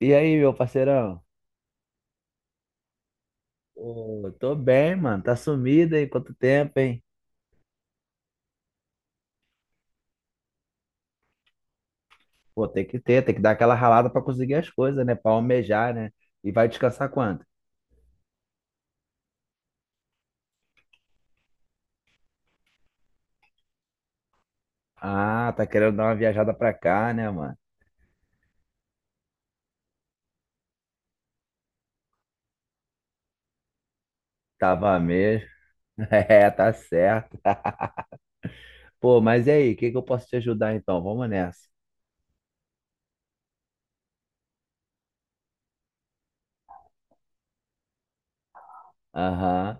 E aí, meu parceirão? Ô, tô bem, mano. Tá sumido aí quanto tempo, hein? Pô, tem que dar aquela ralada pra conseguir as coisas, né? Pra almejar, né? E vai descansar quando? Ah, tá querendo dar uma viajada pra cá, né, mano? Tava mesmo. É, tá certo. Pô, mas e aí, o que que eu posso te ajudar então? Vamos nessa. Aham.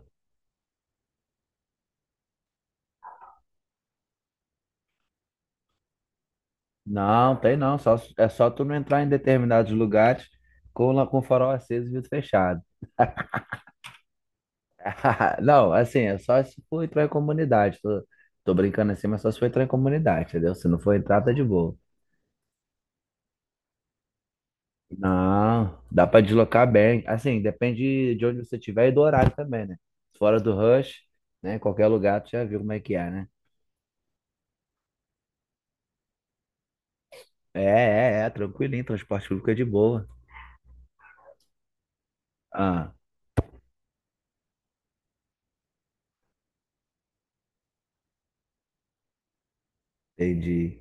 Não, tem não. É só tu não entrar em determinados lugares com o farol aceso e vidro fechado. Não, assim, é só se for entrar em comunidade. Tô brincando assim, mas só se for entrar em comunidade, entendeu? Se não for entrar, tá de boa. Não, dá pra deslocar bem. Assim, depende de onde você estiver e do horário também, né? Fora do rush, né? Em qualquer lugar, tu já viu como é que é, né? É, é, é, tranquilinho, transporte público é de boa. Ah, entendi.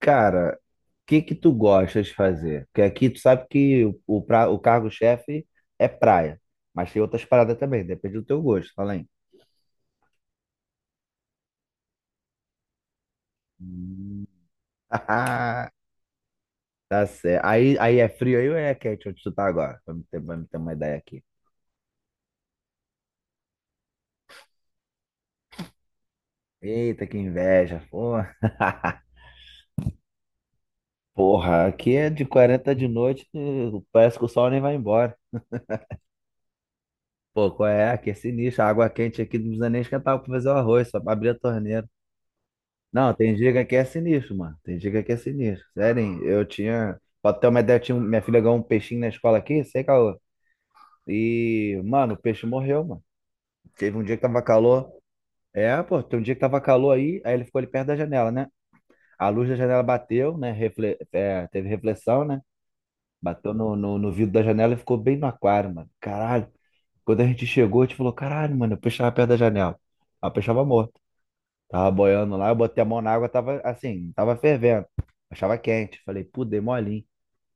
Cara, o que que tu gosta de fazer? Porque aqui tu sabe que o cargo-chefe é praia, mas tem outras paradas também, depende do teu gosto, fala aí. Hum. Tá certo. Aí é frio aí ou é quente onde tu tá agora? Pra me ter uma ideia aqui. Eita, que inveja, porra. Porra, aqui é de 40 de noite, parece que o sol nem vai embora. Pô, qual é? Aqui é sinistro. A água quente aqui não precisa nem esquentar pra fazer o arroz, só pra abrir a torneira. Não, tem dia que aqui é sinistro, mano. Tem dia que aqui é sinistro. Sério, hein? Eu tinha. Pra ter uma ideia, eu tinha... minha filha ganhou um peixinho na escola aqui, sei, caô. E, mano, o peixe morreu, mano. Teve um dia que tava calor. É, pô, tem um dia que tava calor aí ele ficou ali perto da janela, né? A luz da janela bateu, né? É, teve reflexão, né? Bateu no vidro da janela e ficou bem no aquário, mano. Caralho. Quando a gente chegou, a gente falou, caralho, mano, eu peixe tava perto da janela. Aí o peixe tava morto. Tava boiando lá, eu botei a mão na água, tava assim, tava fervendo. Achava quente. Falei, pô, dei molinho.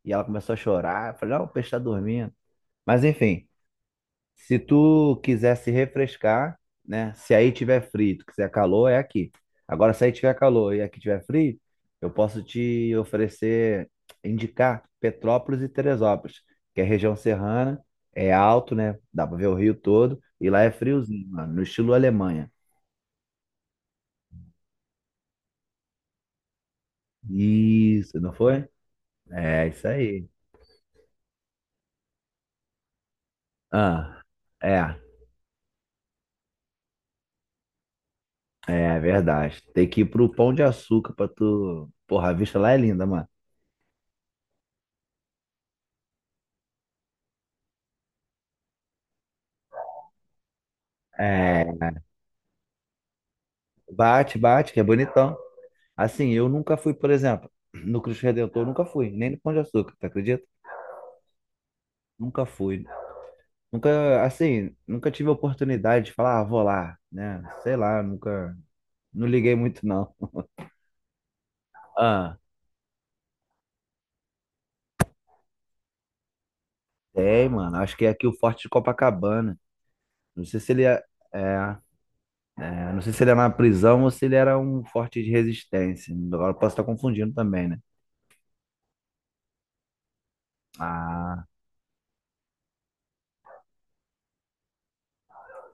E ela começou a chorar. Eu falei, não, o peixe tá dormindo. Mas enfim. Se tu quiser se refrescar, né? Se aí tiver frio, tu quiser calor, é aqui. Agora, se aí tiver calor e aqui tiver frio, eu posso te oferecer, indicar Petrópolis e Teresópolis, que é região serrana, é alto, né? Dá pra ver o rio todo e lá é friozinho, mano, no estilo Alemanha. Isso, não foi? É isso aí. Ah, é, é verdade. Tem que ir pro Pão de Açúcar pra tu. Porra, a vista lá é linda, mano. É, bate, bate, que é bonitão. Assim, eu nunca fui, por exemplo, no Cristo Redentor, nunca fui, nem no Pão de Açúcar, tu acredita? Nunca fui. Nunca, assim, nunca tive a oportunidade de falar, ah, vou lá, né? Sei lá, nunca, não liguei muito, não. Ah, tem, mano, acho que é aqui o Forte de Copacabana. Não sei se ele é, é, não sei se ele é na prisão ou se ele era um forte de resistência. Agora eu posso estar confundindo também, né? Ah,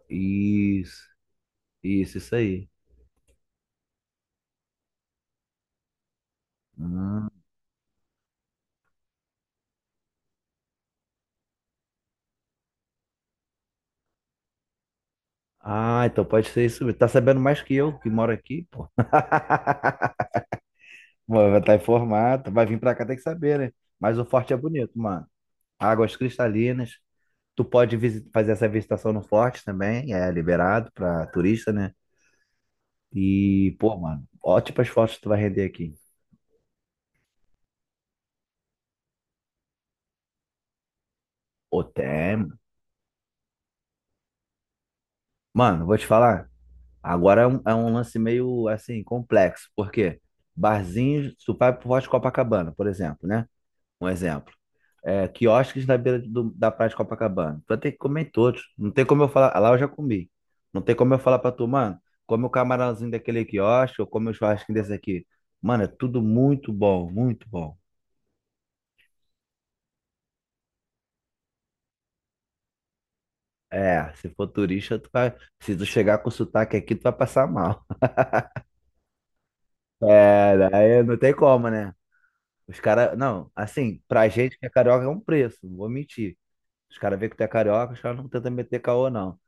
isso, isso aí. Hum. Ah, então pode ser isso mesmo. Tá sabendo mais que eu, que moro aqui, pô. Mano, vai estar informado. Vai vir pra cá, tem que saber, né? Mas o forte é bonito, mano. Águas cristalinas. Tu pode fazer essa visitação no forte também. É liberado pra turista, né? E, pô, mano, ótimas fotos tu vai render aqui. Ô, tem. Mano, vou te falar. Agora é um lance meio, assim, complexo. Por quê? Barzinhos, tu vai pro Forte Copacabana, por exemplo, né? Um exemplo. É, quiosques na beira da praia de Copacabana. Tu vai ter que comer em todos. Não tem como eu falar. Lá eu já comi. Não tem como eu falar pra tu, mano, come o camarãozinho daquele quiosque ou come o churrasquinho desse aqui. Mano, é tudo muito bom, muito bom. É, se for turista, tu vai. Se tu chegar com sotaque aqui, tu vai passar mal. É, daí não tem como, né? Os caras. Não, assim, pra gente que é carioca é um preço, não vou mentir. Os caras veem que tu é carioca, os caras não tentam meter caô, não.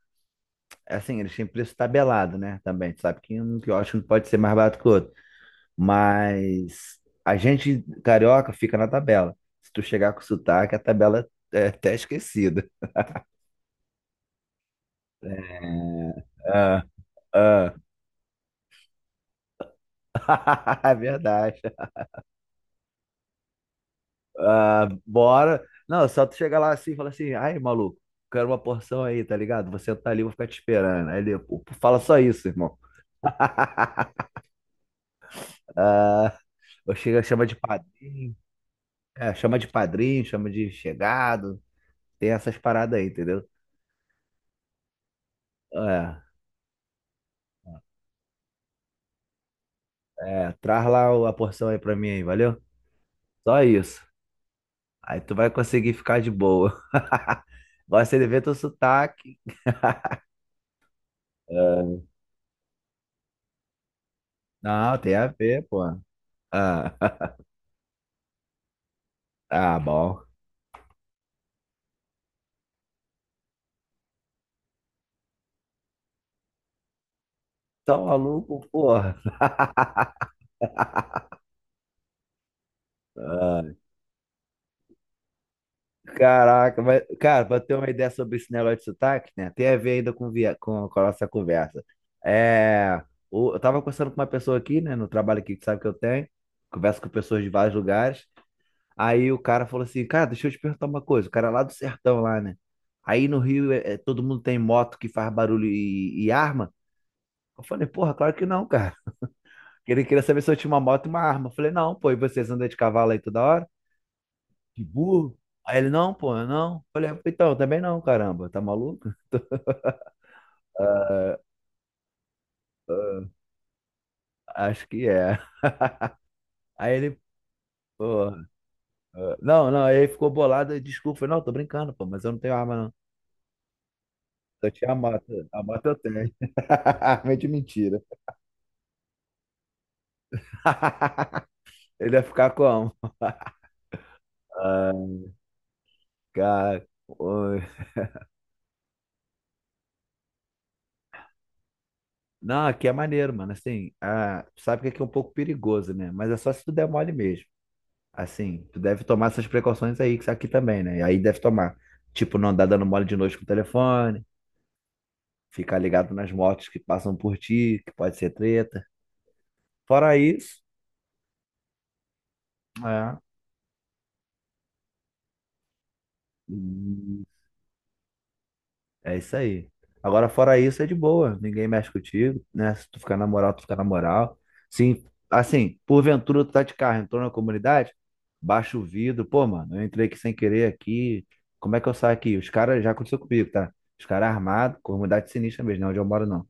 É, assim, eles têm preço tabelado, né? Também. Tu sabe que um quiosque não pode ser mais barato que o outro. Mas a gente carioca fica na tabela. Se tu chegar com sotaque, a tabela é até esquecida. Ah, ah. É verdade. Ah, bora. Não, só tu chegar lá assim e falar assim, ai, maluco, quero uma porção aí, tá ligado? Você tá ali, eu vou ficar te esperando. Aí ele, pô, fala só isso, irmão. Ah, eu chego, chama de padrinho, é, chama de padrinho, chama de chegado, tem essas paradas aí, entendeu? É, é, traz lá a porção aí pra mim aí, valeu? Só isso. Aí tu vai conseguir ficar de boa. Gosta de ver teu sotaque. É. Não, tem a ver, pô. Ah, ah, bom. Tá maluco, porra. Ah, caraca, mas, cara, pra ter uma ideia sobre esse negócio de sotaque, né? Tem a ver ainda com a nossa conversa. É, eu tava conversando com uma pessoa aqui, né? No trabalho aqui que sabe que eu tenho. Converso com pessoas de vários lugares. Aí o cara falou assim, cara, deixa eu te perguntar uma coisa. O cara é lá do sertão lá, né? Aí no Rio é, todo mundo tem moto que faz barulho e arma. Eu falei, porra, claro que não, cara. Que ele queria saber se eu tinha uma moto e uma arma. Eu falei, não, pô, e vocês andam de cavalo aí toda hora? De burro? Aí ele, não, pô, eu não. Eu falei, "Ah, então, eu também não, caramba, tá maluco? Acho que é. Aí ele, ah, não, não, aí ele ficou bolado, e desculpa, eu falei, não, tô brincando, pô, mas eu não tenho arma, não. Só tinha a moto eu tenho. Arma de mentira. Ele ia ficar como? Cara, oi. Não, aqui é maneiro, mano. Assim, ah, tu sabe que aqui é um pouco perigoso, né? Mas é só se tu der mole mesmo. Assim, tu deve tomar essas precauções aí, que aqui também, né? E aí deve tomar. Tipo, não andar dando mole de noite com o telefone, ficar ligado nas motos que passam por ti, que pode ser treta. Fora isso, é. É isso aí. Agora, fora isso, é de boa. Ninguém mexe contigo, né? Se tu ficar na moral, tu fica na moral. Sim, assim, porventura tu tá de carro, entrou na comunidade, baixa o vidro. Pô, mano, eu entrei aqui sem querer aqui. Como é que eu saio aqui? Os caras, já aconteceu comigo, tá? Os caras armados, comunidade sinistra mesmo, não é onde eu moro, não.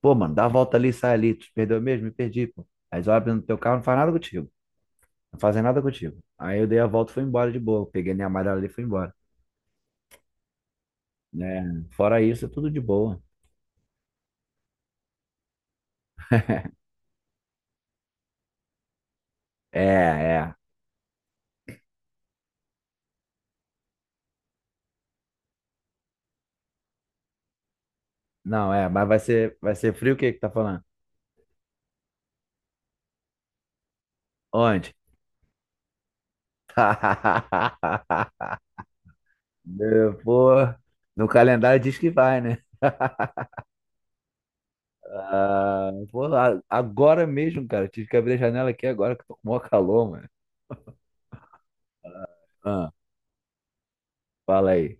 Pô, mano, dá a volta ali, sai ali. Tu perdeu mesmo? Me perdi, pô. Aí eles olham no teu carro, não faz nada contigo. Não fazem nada contigo. Aí eu dei a volta e fui embora de boa. Peguei minha amarela ali e fui embora. Né? Fora isso, é tudo de boa. É, é. Não, é, mas vai ser frio o que que tá falando? Onde? Meu, pô, no calendário diz que vai, né? Ah, pô, agora mesmo, cara, tive que abrir a janela aqui agora que tô com o maior calor, mano. Ah, fala aí.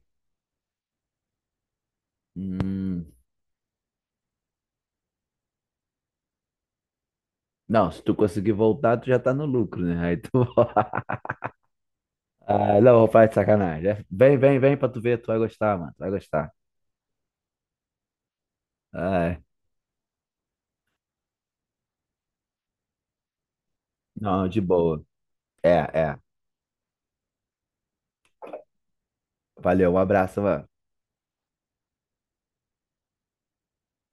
Hum, não, se tu conseguir voltar, tu já tá no lucro, né? Aí tu... Ah, não, vou falar de sacanagem. É, vem, vem, vem pra tu ver, tu vai gostar, mano, tu vai gostar. Ai, não, de boa. É, é. Valeu, um abraço, mano.